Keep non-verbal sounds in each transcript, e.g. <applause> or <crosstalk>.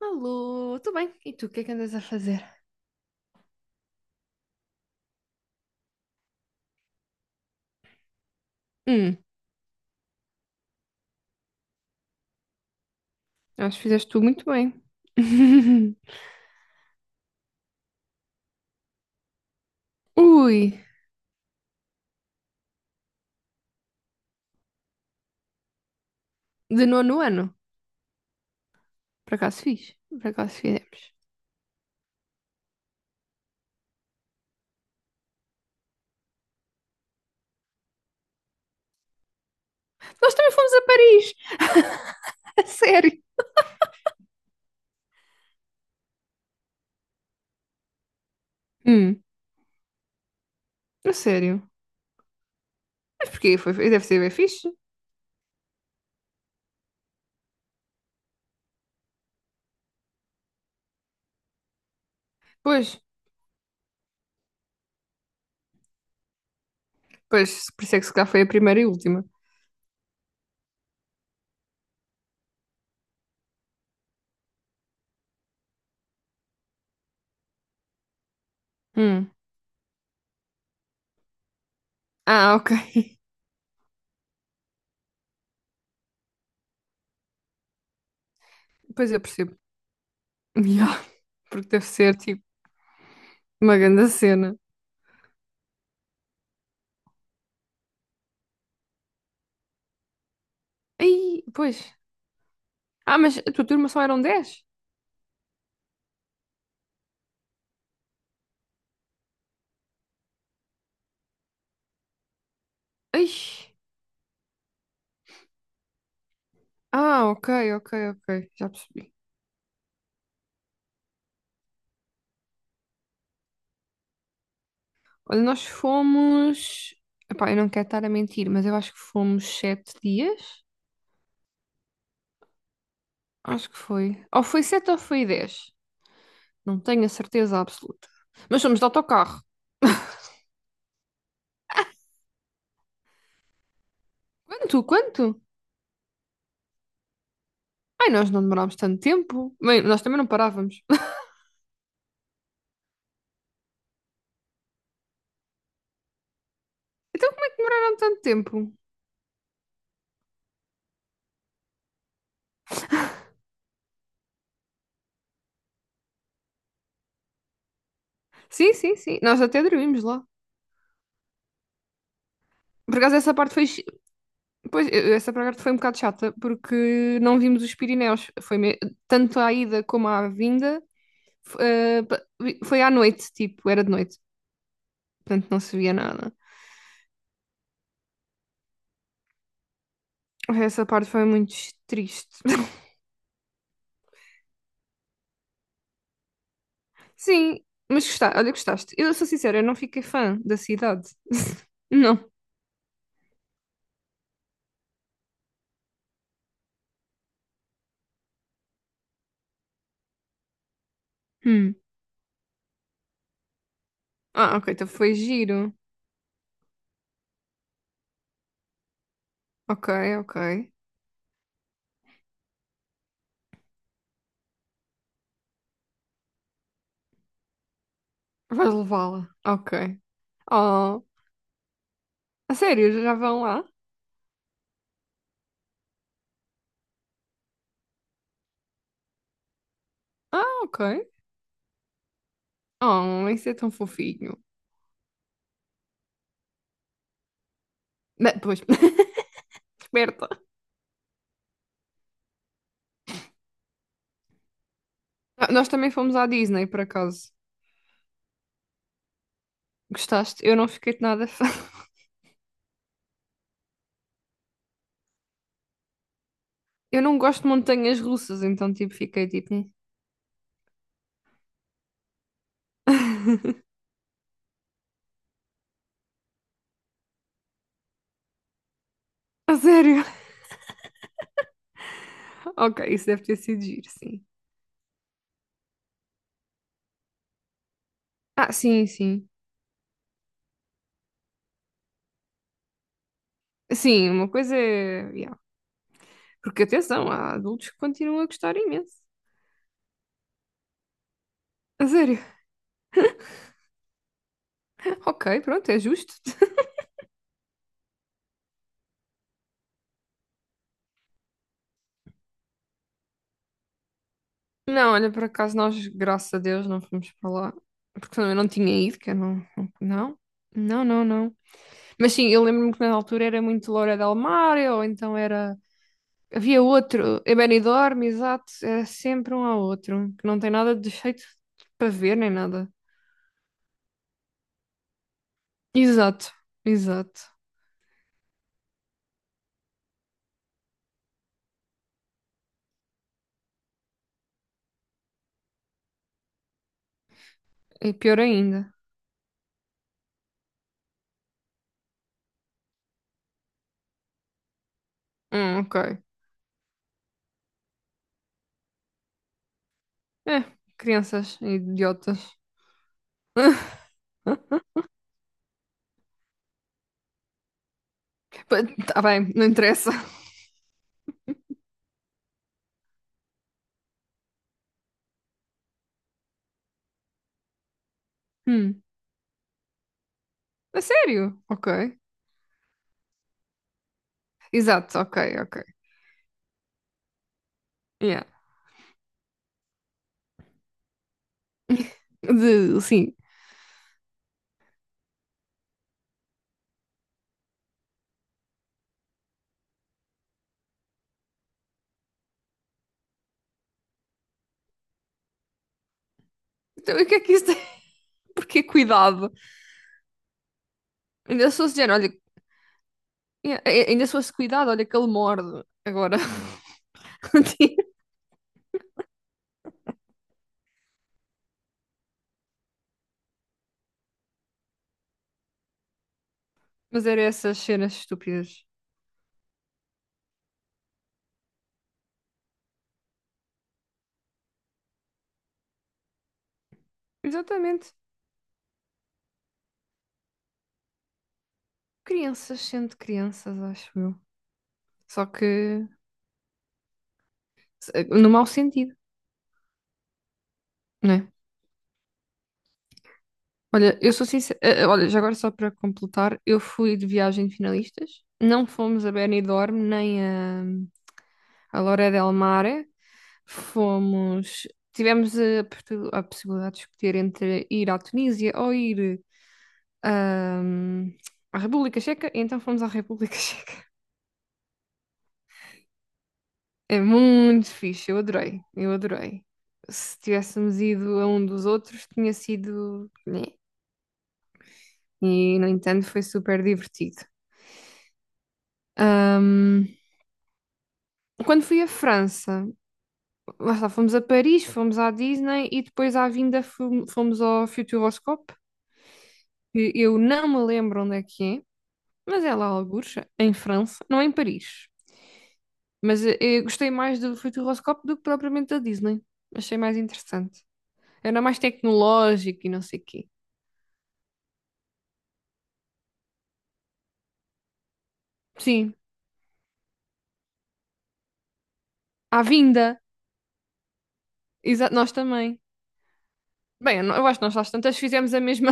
Alô, tudo bem? E tu, o que é que andas a fazer? Hum, acho que fizeste tu muito bem. <laughs> Ui, de nono ano. Por acaso fiz? Por acaso fizemos. Nós também fomos a Paris! A sério? Hum, a sério. Mas porquê? Foi, deve ser bem fixe. Pois, pois, por isso é que se calhar foi a primeira e última. Hum. Ah, ok. Pois eu percebo. <laughs> Ya, porque deve ser tipo uma grande cena. Ai, pois. Ah, mas a tua turma só eram 10? Ai. Ah, ok, ok, ok. Já percebi. Olha, nós fomos. Epá, eu não quero estar a mentir, mas eu acho que fomos 7 dias. Acho que foi. Ou foi sete ou foi 10. Não tenho a certeza absoluta. Mas fomos de autocarro. Quanto? Quanto? Ai, nós não demorámos tanto tempo. Bem, nós também não parávamos. <laughs> Então como é que demoraram tanto tempo? Sim, sim, sim. Nós até dormimos lá. Por acaso essa parte foi. Chi- Pois, essa parte foi um bocado chata, porque não vimos os Pirineus. Tanto à ida como à vinda. Foi à noite, tipo, era de noite. Portanto não se via nada. Essa parte foi muito triste. <laughs> Sim, mas gostaste, olha, gostaste. Eu sou sincera, eu não fiquei fã da cidade. <laughs> Não. Hum. Ah, ok, então foi giro. Ok, ok. Vais levá-la. Ok. Oh, a sério, já vão lá? Ah, ok. Oh, isso é tão fofinho. Não, pois, <laughs> esperta. Ah, nós também fomos à Disney, por acaso. Gostaste? Eu não fiquei de nada fã. <laughs> Eu não gosto de montanhas russas, então tipo, fiquei tipo. <laughs> "Hum." A sério. Ok, isso deve ter sido giro, sim. Ah, sim, sim. Sim, uma coisa é. Yeah. Porque atenção, há adultos que continuam a gostar imenso. A sério. <laughs> Ok, pronto, é justo. <laughs> Não, olha, por acaso nós, graças a Deus, não fomos para lá. Porque senão eu não tinha ido, que eu não. Não, não, não, não. Mas sim, eu lembro-me que na altura era muito Loura del Mar, ou então era. Havia outro, é Benidorm, exato, era sempre um ao outro, que não tem nada de jeito para ver nem nada. Exato, exato. E pior ainda. Ok. É, crianças idiotas. <laughs> Hã? Pa- Tá bem, não interessa. <laughs> Hum. A sério? Ok. Exato, ok, ok. Yeah. Sim. Então, e o que é que isso tem? <laughs> Porque cuidado. Ainda se fosse género, olha, yeah, ainda se fosse cuidado, olha que ele morde. Agora. <laughs> Mas eram essas cenas estúpidas. Exatamente. Crianças sendo crianças, acho eu. Só que. No mau sentido, não é? Olha, eu sou sincera. Olha, já agora só para completar, eu fui de viagem de finalistas. Não fomos a Benidorm nem a Lloret del Mar. Fomos. Tivemos a possibilidade de escolher entre ir à Tunísia ou ir ahm, à República Checa. E então fomos à República <laughs> Checa. É muito fixe, eu adorei. Eu adorei. Se tivéssemos ido a um dos outros, tinha sido, né, e, no entanto, foi super divertido. Ahm, Quando fui à França, lá está, fomos a Paris, fomos à Disney e depois à vinda fomos ao Futuroscope, que eu não me lembro onde é que é, mas é lá algures, em França, não é em Paris. Mas eu gostei mais do Futuroscope do que propriamente da Disney. Achei mais interessante. Era mais tecnológico e não sei o quê. Sim, à vinda, nós também. Bem, eu não- eu acho que nós às tantas fizemos a mesma.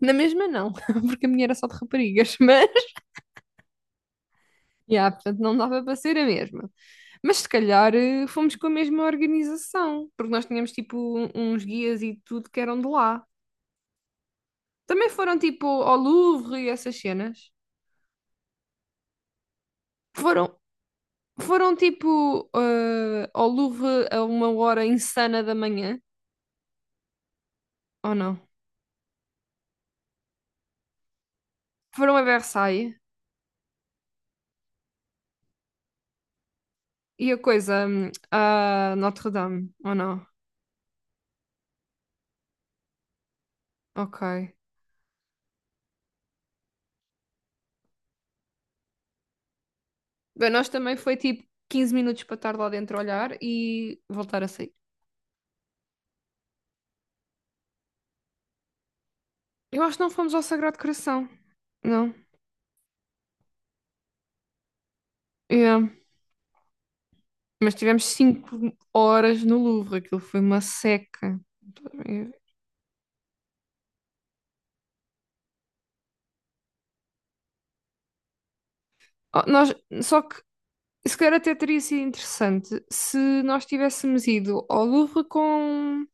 Na mesma não, <laughs> porque a minha era só de raparigas, <laughs> mas yeah, portanto não dava para ser a mesma. Mas se calhar fomos com a mesma organização, porque nós tínhamos tipo uns guias e tudo que eram de lá. Também foram tipo ao Louvre e essas cenas. Foram, foram tipo ao Louvre a uma hora insana da manhã, ou não? Foram a Versailles e a coisa a Notre Dame, ou não? Ok. Bem, nós também foi tipo 15 minutos para estar lá dentro a olhar e voltar a sair. Eu acho que não fomos ao Sagrado Coração. Não. Yeah. Mas tivemos 5 horas no Louvre. Aquilo foi uma seca. Oh, nós, só que se calhar até teria sido interessante se nós tivéssemos ido ao Louvre com,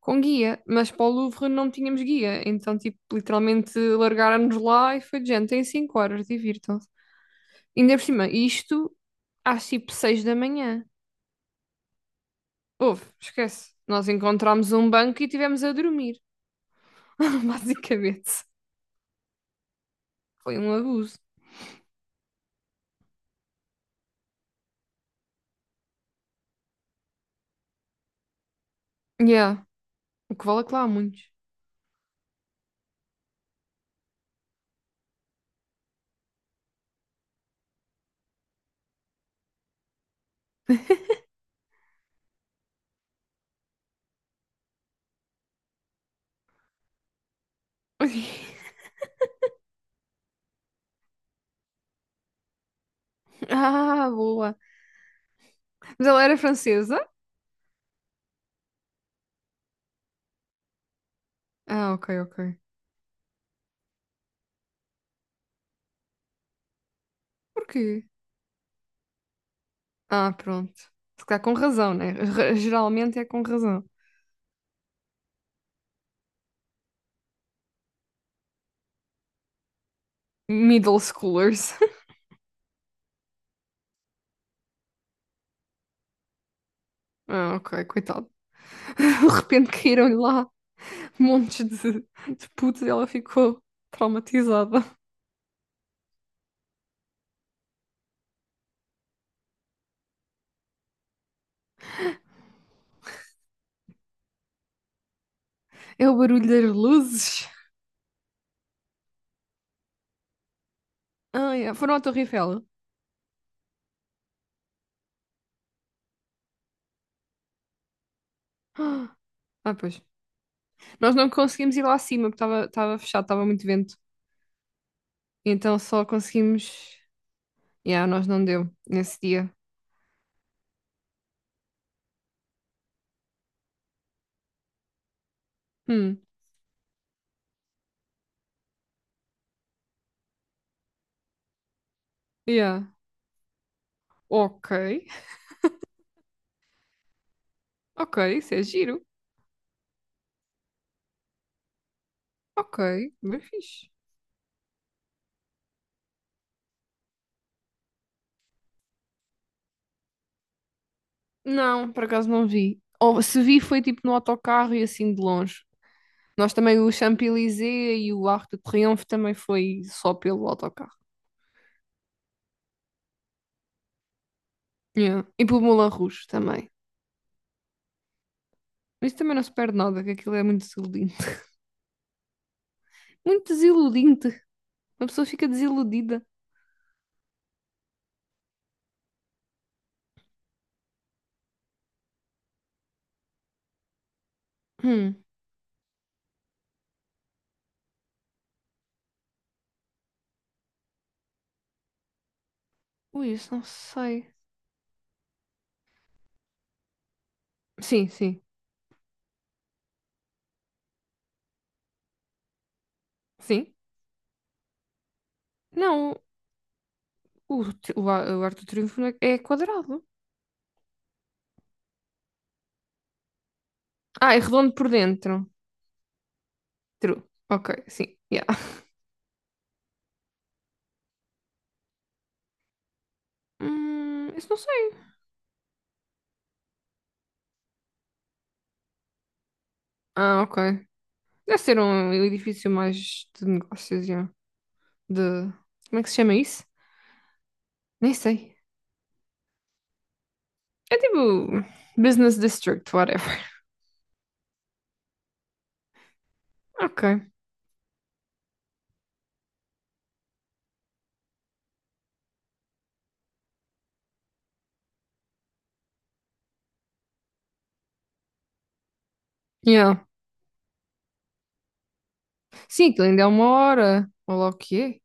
com guia, mas para o Louvre não tínhamos guia, então tipo, literalmente largaram-nos lá e foi de gente, tem 5 horas, divirtam-se. Ainda por cima, isto às tipo 6 da manhã. Houve, esquece. Nós encontramos um banco e tivemos a dormir. <laughs> Basicamente. Foi um abuso. Yeah. O que vale é que lá há muitos. <laughs> Ah, boa. Mas ela era francesa? Ah, ok, ok. Porquê? Ah, pronto. Se calhar com razão, né? Geralmente é com razão. Middle schoolers. <laughs> Ah, ok, coitado. <laughs> De repente caíram-lhe lá montes de putos e ela ficou traumatizada. É o barulho das luzes. Ah, yeah. Foram à Torre Eiffel. <gasps> Ah, pois. Nós não conseguimos ir lá acima, porque estava fechado, estava muito vento. Então só conseguimos. Yeah, nós não deu nesse dia. Hum, yeah. Ok. Ok, isso é giro. Ok, bem fixe. Não, por acaso não vi. Ou se vi foi tipo no autocarro e assim de longe. Nós também o Champs-Élysées e o Arco de Triomphe também foi só pelo autocarro. Yeah. E pelo Moulin Rouge também. Mas isso também não se perde nada, que aquilo é muito desiludinte. <laughs> Muito desiludinte. Uma pessoa fica desiludida. Hum. Ui, isso não sei. Sim, sim. Sim? Não, o arco do triunfo não é, é quadrado. Ah, é redondo por dentro. True. Ok, sim. Yeah. <laughs> Isso não sei. Ah, ok. Deve ser um edifício mais de negócios, yeah. De... Como é que se chama isso? Nem sei. É tipo Business District, whatever. <laughs> Ok. Yeah. Sim, aquilo ainda é uma hora. Olha lá o que é.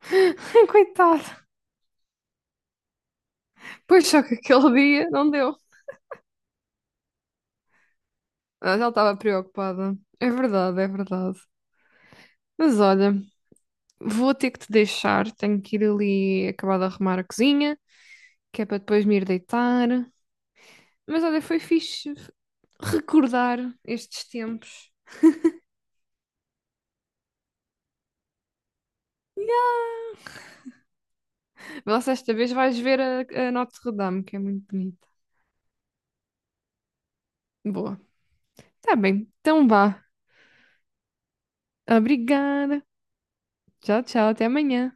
<laughs> Coitado. Pois só que aquele dia não deu. Ah, já estava preocupada. É verdade, é verdade. Mas olha, vou ter que te deixar. Tenho que ir ali acabar de arrumar a cozinha, que é para depois me ir deitar. Mas olha, foi fixe recordar estes tempos. Vê lá se esta vez vais ver a Notre-Dame, que é muito bonita. Boa. Tá bem. Então vá. Obrigada. Tchau, tchau. Até amanhã.